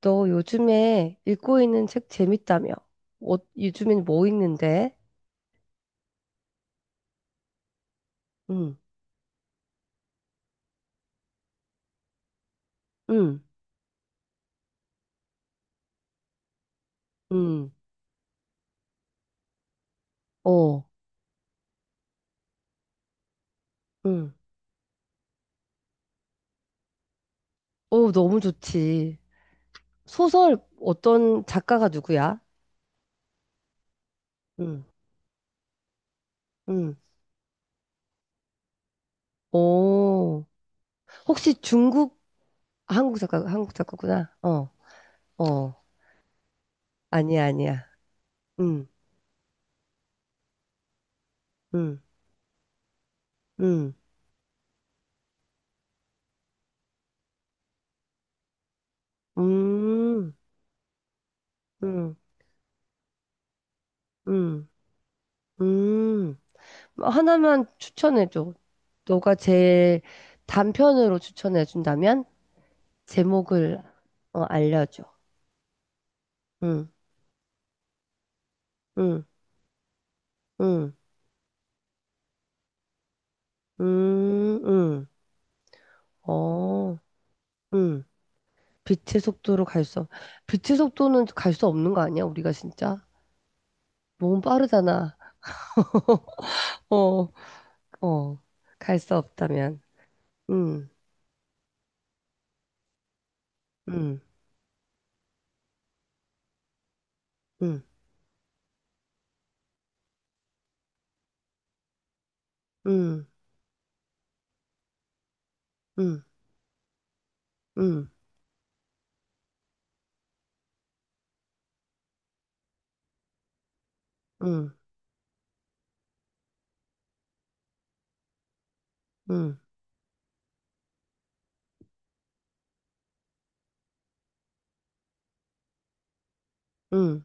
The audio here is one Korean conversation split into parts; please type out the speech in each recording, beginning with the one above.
너 요즘에 읽고 있는 책 재밌다며? 어, 요즘엔 뭐 읽는데? 응, 응, 응, 어, 응. 어, 너무 좋지. 소설 어떤 작가가 누구야? 응, 응. 어, 혹시 중국, 한국 작가, 한국 작가구나. 어, 어. 아니야, 아니야. 응, 응, 응. 음, 음, 음, 음. 하나만 추천해줘. 너가 제일 단편으로 추천해준다면 제목을 어, 알려줘. 응, 응, 응, 응, 응. 어, 응. 빛의 속도로 갈 수, 없- 빛의 속도는 갈 수 없는 거 아니야? 우리가 진짜? 너무 빠르잖아. 어, 어, 갈 수 없다면. 응, 응, 응, 응, 응, 응, 응, 응, 응,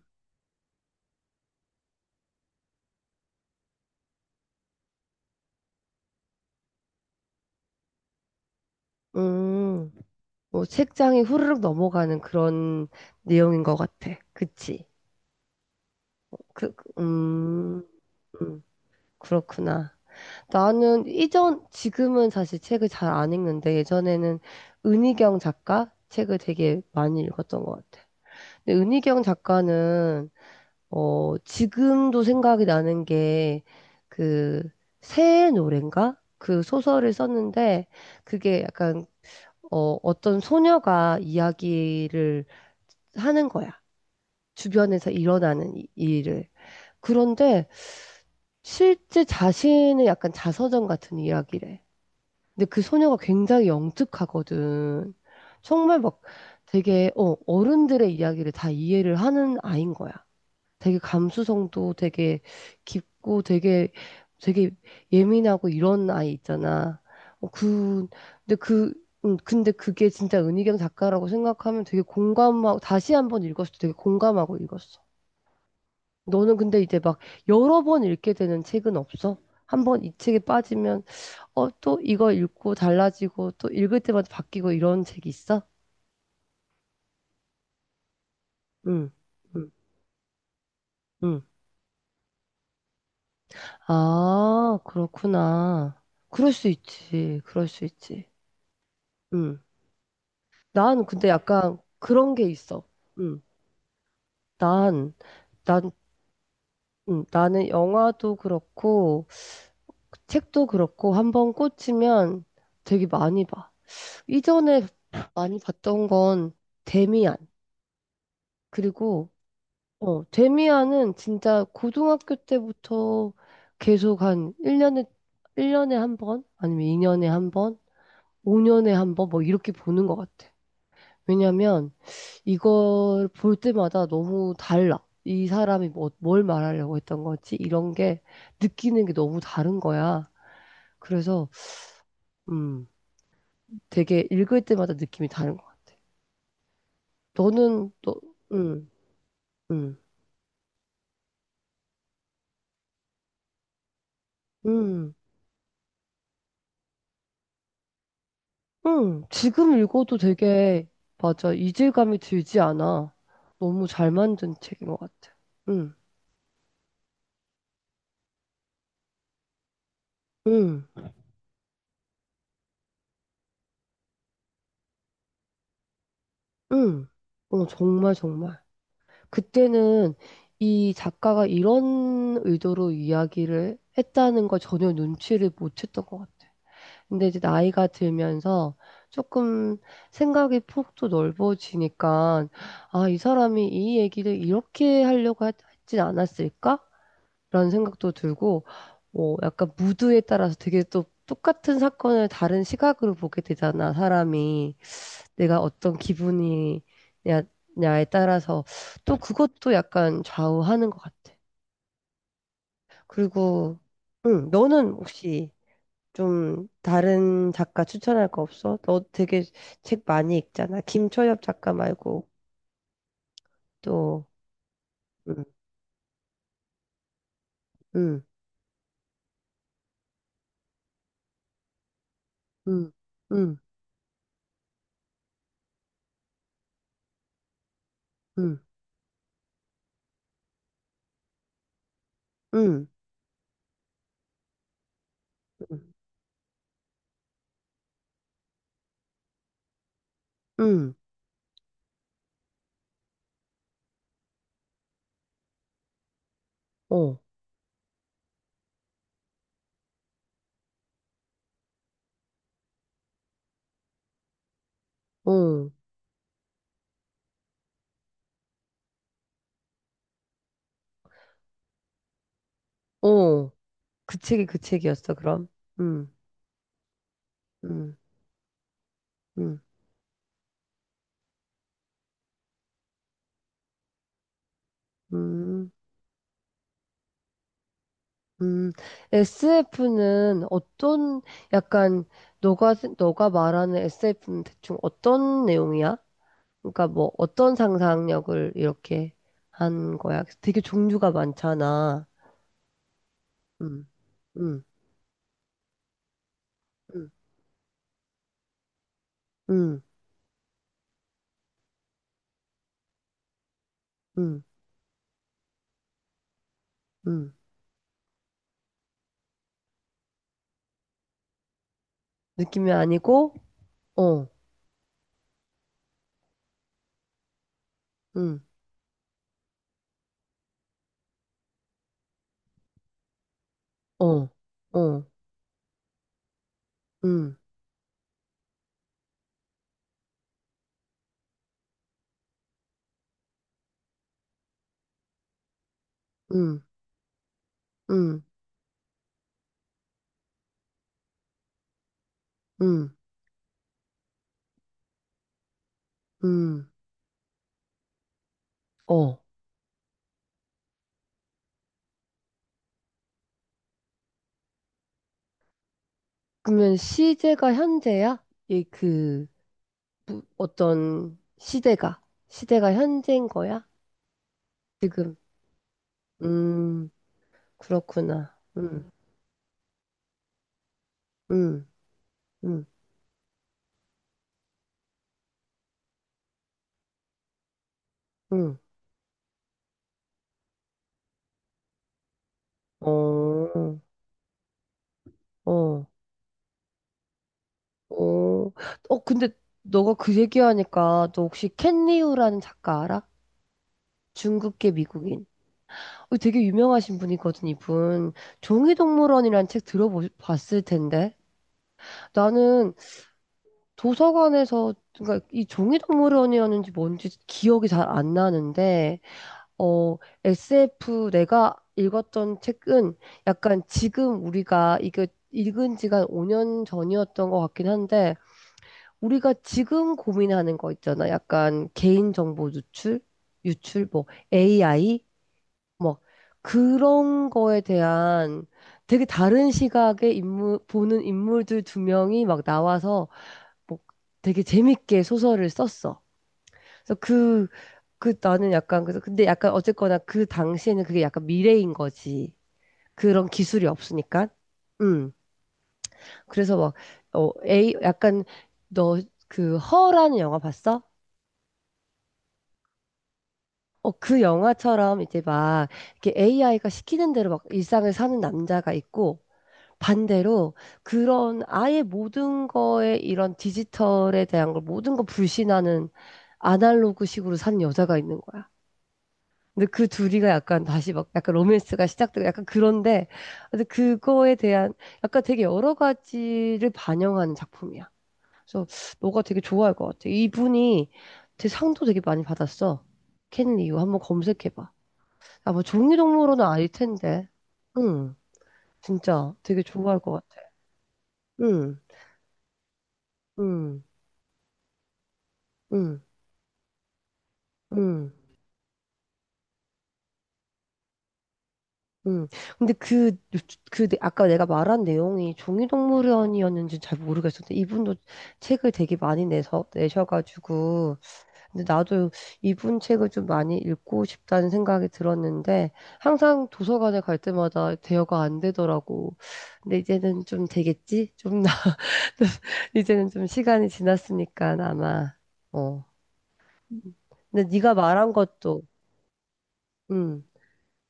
응. 뭐 책장이 후루룩 넘어가는 그런 내용인 것 같아. 그치? 그, 그- 음, 음, 그렇구나. 나는 이전, 지금은 사실 책을 잘 안 읽는데 예전에는 은희경 작가 책을 되게 많이 읽었던 것 같아. 근데 은희경 작가는 어, 지금도 생각이 나는 게, 그, 새의 노래인가? 그 소설을 썼는데, 그게 약간, 어, 어떤 소녀가 이야기를 하는 거야. 주변에서 일어나는 일을. 그런데 실제 자신의 약간 자서전 같은 이야기래. 근데 그 소녀가 굉장히 영특하거든. 정말 막 되게 어, 어른들의 이야기를 다 이해를 하는 아인 거야. 되게 감수성도 되게 깊고 되게 되게 예민하고 이런 아이 있잖아. 어, 그 근데 그 근데 그게 진짜 은희경 작가라고 생각하면 되게 공감하고 다시 한 번 읽었을 때 되게 공감하고 읽었어. 너는 근데 이제 막 여러 번 읽게 되는 책은 없어? 한 번 이 책에 빠지면, 어, 또 이거 읽고 달라지고, 또 읽을 때마다 바뀌고 이런 책이 있어? 응, 응, 응. 아, 그렇구나. 그럴 수 있지. 그럴 수 있지. 응. 난 근데 약간 그런 게 있어. 응. 난, 난, 응. 나는 영화도 그렇고, 책도 그렇고, 한 번 꽂히면 되게 많이 봐. 이전에 많이 봤던 건 데미안. 그리고 어, 데미안은 진짜 고등학교 때부터 계속 한 1년에 한 번, 아니면 2년에 한 번, 5년에 한 번 뭐 이렇게 보는 것 같아. 왜냐면 이걸 볼 때마다 너무 달라. 이 사람이 뭘 말하려고 했던 거지? 이런 게 느끼는 게 너무 다른 거야. 그래서 음, 되게 읽을 때마다 느낌이 다른 것 같아. 너는 너 음, 음, 음. 응, 지금 읽어도 되게, 맞아, 이질감이 들지 않아. 너무 잘 만든 책인 것 같아. 응, 응, 응. 어, 정말, 정말. 그때는 이 작가가 이런 의도로 이야기를 했다는 걸 전혀 눈치를 못 챘던 것 같아. 근데 이제 나이가 들면서 조금 생각의 폭도 넓어지니까, 아, 이 사람이 이 얘기를 이렇게 했진 않았을까? 라는 생각도 들고, 어, 약간 무드에 따라서 되게 또 똑같은 사건을 다른 시각으로 보게 되잖아, 사람이. 내가 어떤 냐에 따라서 또 그것도 약간 좌우하는 것 같아. 그리고, 응, 너는 혹시 좀 다른 작가 추천할 거 없어? 너 되게 책 많이 읽잖아. 김초엽 작가 말고 또, 응, 응, 응, 응, 응, 응, 응, 응, 응, 어, 어, 어. 그 책이 그 책이었어, 그럼? 음, 음, 음, 음, 음. SF는 어떤, 약간, 너가 말하는 SF는 대충 어떤 내용이야? 그러니까 뭐, 어떤 상상력을 이렇게 한 거야? 되게 종류가 많잖아. 음, 음, 음, 음, 음, 음. 느낌이 아니고, 어, 음, 어, 어, 음, 음, 음, 음, 음, 어. 그러면 시제가 현재야? 이 그, 어떤 시대가, 시대가 현재인 거야? 지금. 음, 그렇구나. 음, 음, 음. 어, 어, 어. 어, 근데 너가 그 얘기하니까 너 혹시 켄 리우라는 작가 알아? 중국계 미국인. 어, 되게 유명하신 분이거든, 이분. 종이동물원이라는 책 들어봤을 텐데. 나는 도서관에서 그러니까 이 종이동물원이었는지 뭔지 기억이 잘 안 나는데 어 SF 내가 읽었던 책은 약간 지금 우리가 이거 읽은 지가 한 5년 전이었던 것 같긴 한데 우리가 지금 고민하는 거 있잖아. 약간 개인정보 유출, 뭐 AI 뭐 그런 거에 대한 되게 다른 시각의 인물 보는 인물들 두 명이 막 나와서 뭐 되게 재밌게 소설을 썼어. 그래서 그 나는 약간 그래서 근데 약간 어쨌거나 그 당시에는 그게 약간 미래인 거지. 그런 기술이 없으니까. 음. 그래서 막, 어, 에이, 약간 너 그 허라는 영화 봤어? 어, 그 영화처럼 이제 막 이렇게 AI가 시키는 대로 막 일상을 사는 남자가 있고 반대로 그런 아예 모든 거에 이런 디지털에 대한 걸 모든 거 불신하는 아날로그식으로 산 여자가 있는 거야. 근데 그 둘이가 약간 다시 막 약간 로맨스가 시작되고 약간 그런데 근데 그거에 대한 약간 되게 여러 가지를 반영하는 작품이야. 그래서 너가 되게 좋아할 것 같아. 이분이 되게 상도 되게 많이 받았어. 켄 리우 한번 검색해봐. 아, 뭐 종이동무로는 아닐 텐데. 응, 진짜 되게 좋아할 것 같아. 응, 응, 응, 응. 음. 근데 아까 내가 말한 내용이 종이동물원이었는지 잘 모르겠었는데, 이분도 책을 되게 많이 내서, 내셔가지고, 근데 나도 이분 책을 좀 많이 읽고 싶다는 생각이 들었는데, 항상 도서관에 갈 때마다 대여가 안 되더라고. 근데 이제는 좀 되겠지? 좀, 나, 이제는 좀 시간이 지났으니까 아마, 어. 근데 네가 말한 것도, 음.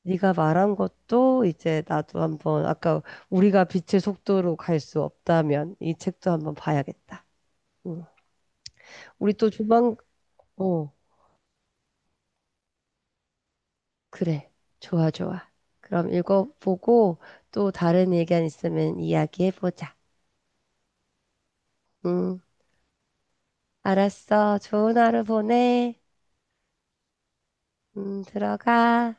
네가 말한 것도 이제 나도 한번 아까 우리가 빛의 속도로 갈 수 없다면 이 책도 한번 봐야겠다. 응. 우리 또 조만 어 그래 좋아 좋아. 그럼 읽어보고 또 다른 의견 있으면 이야기해보자. 응 알았어. 좋은 하루 보내. 응 들어가.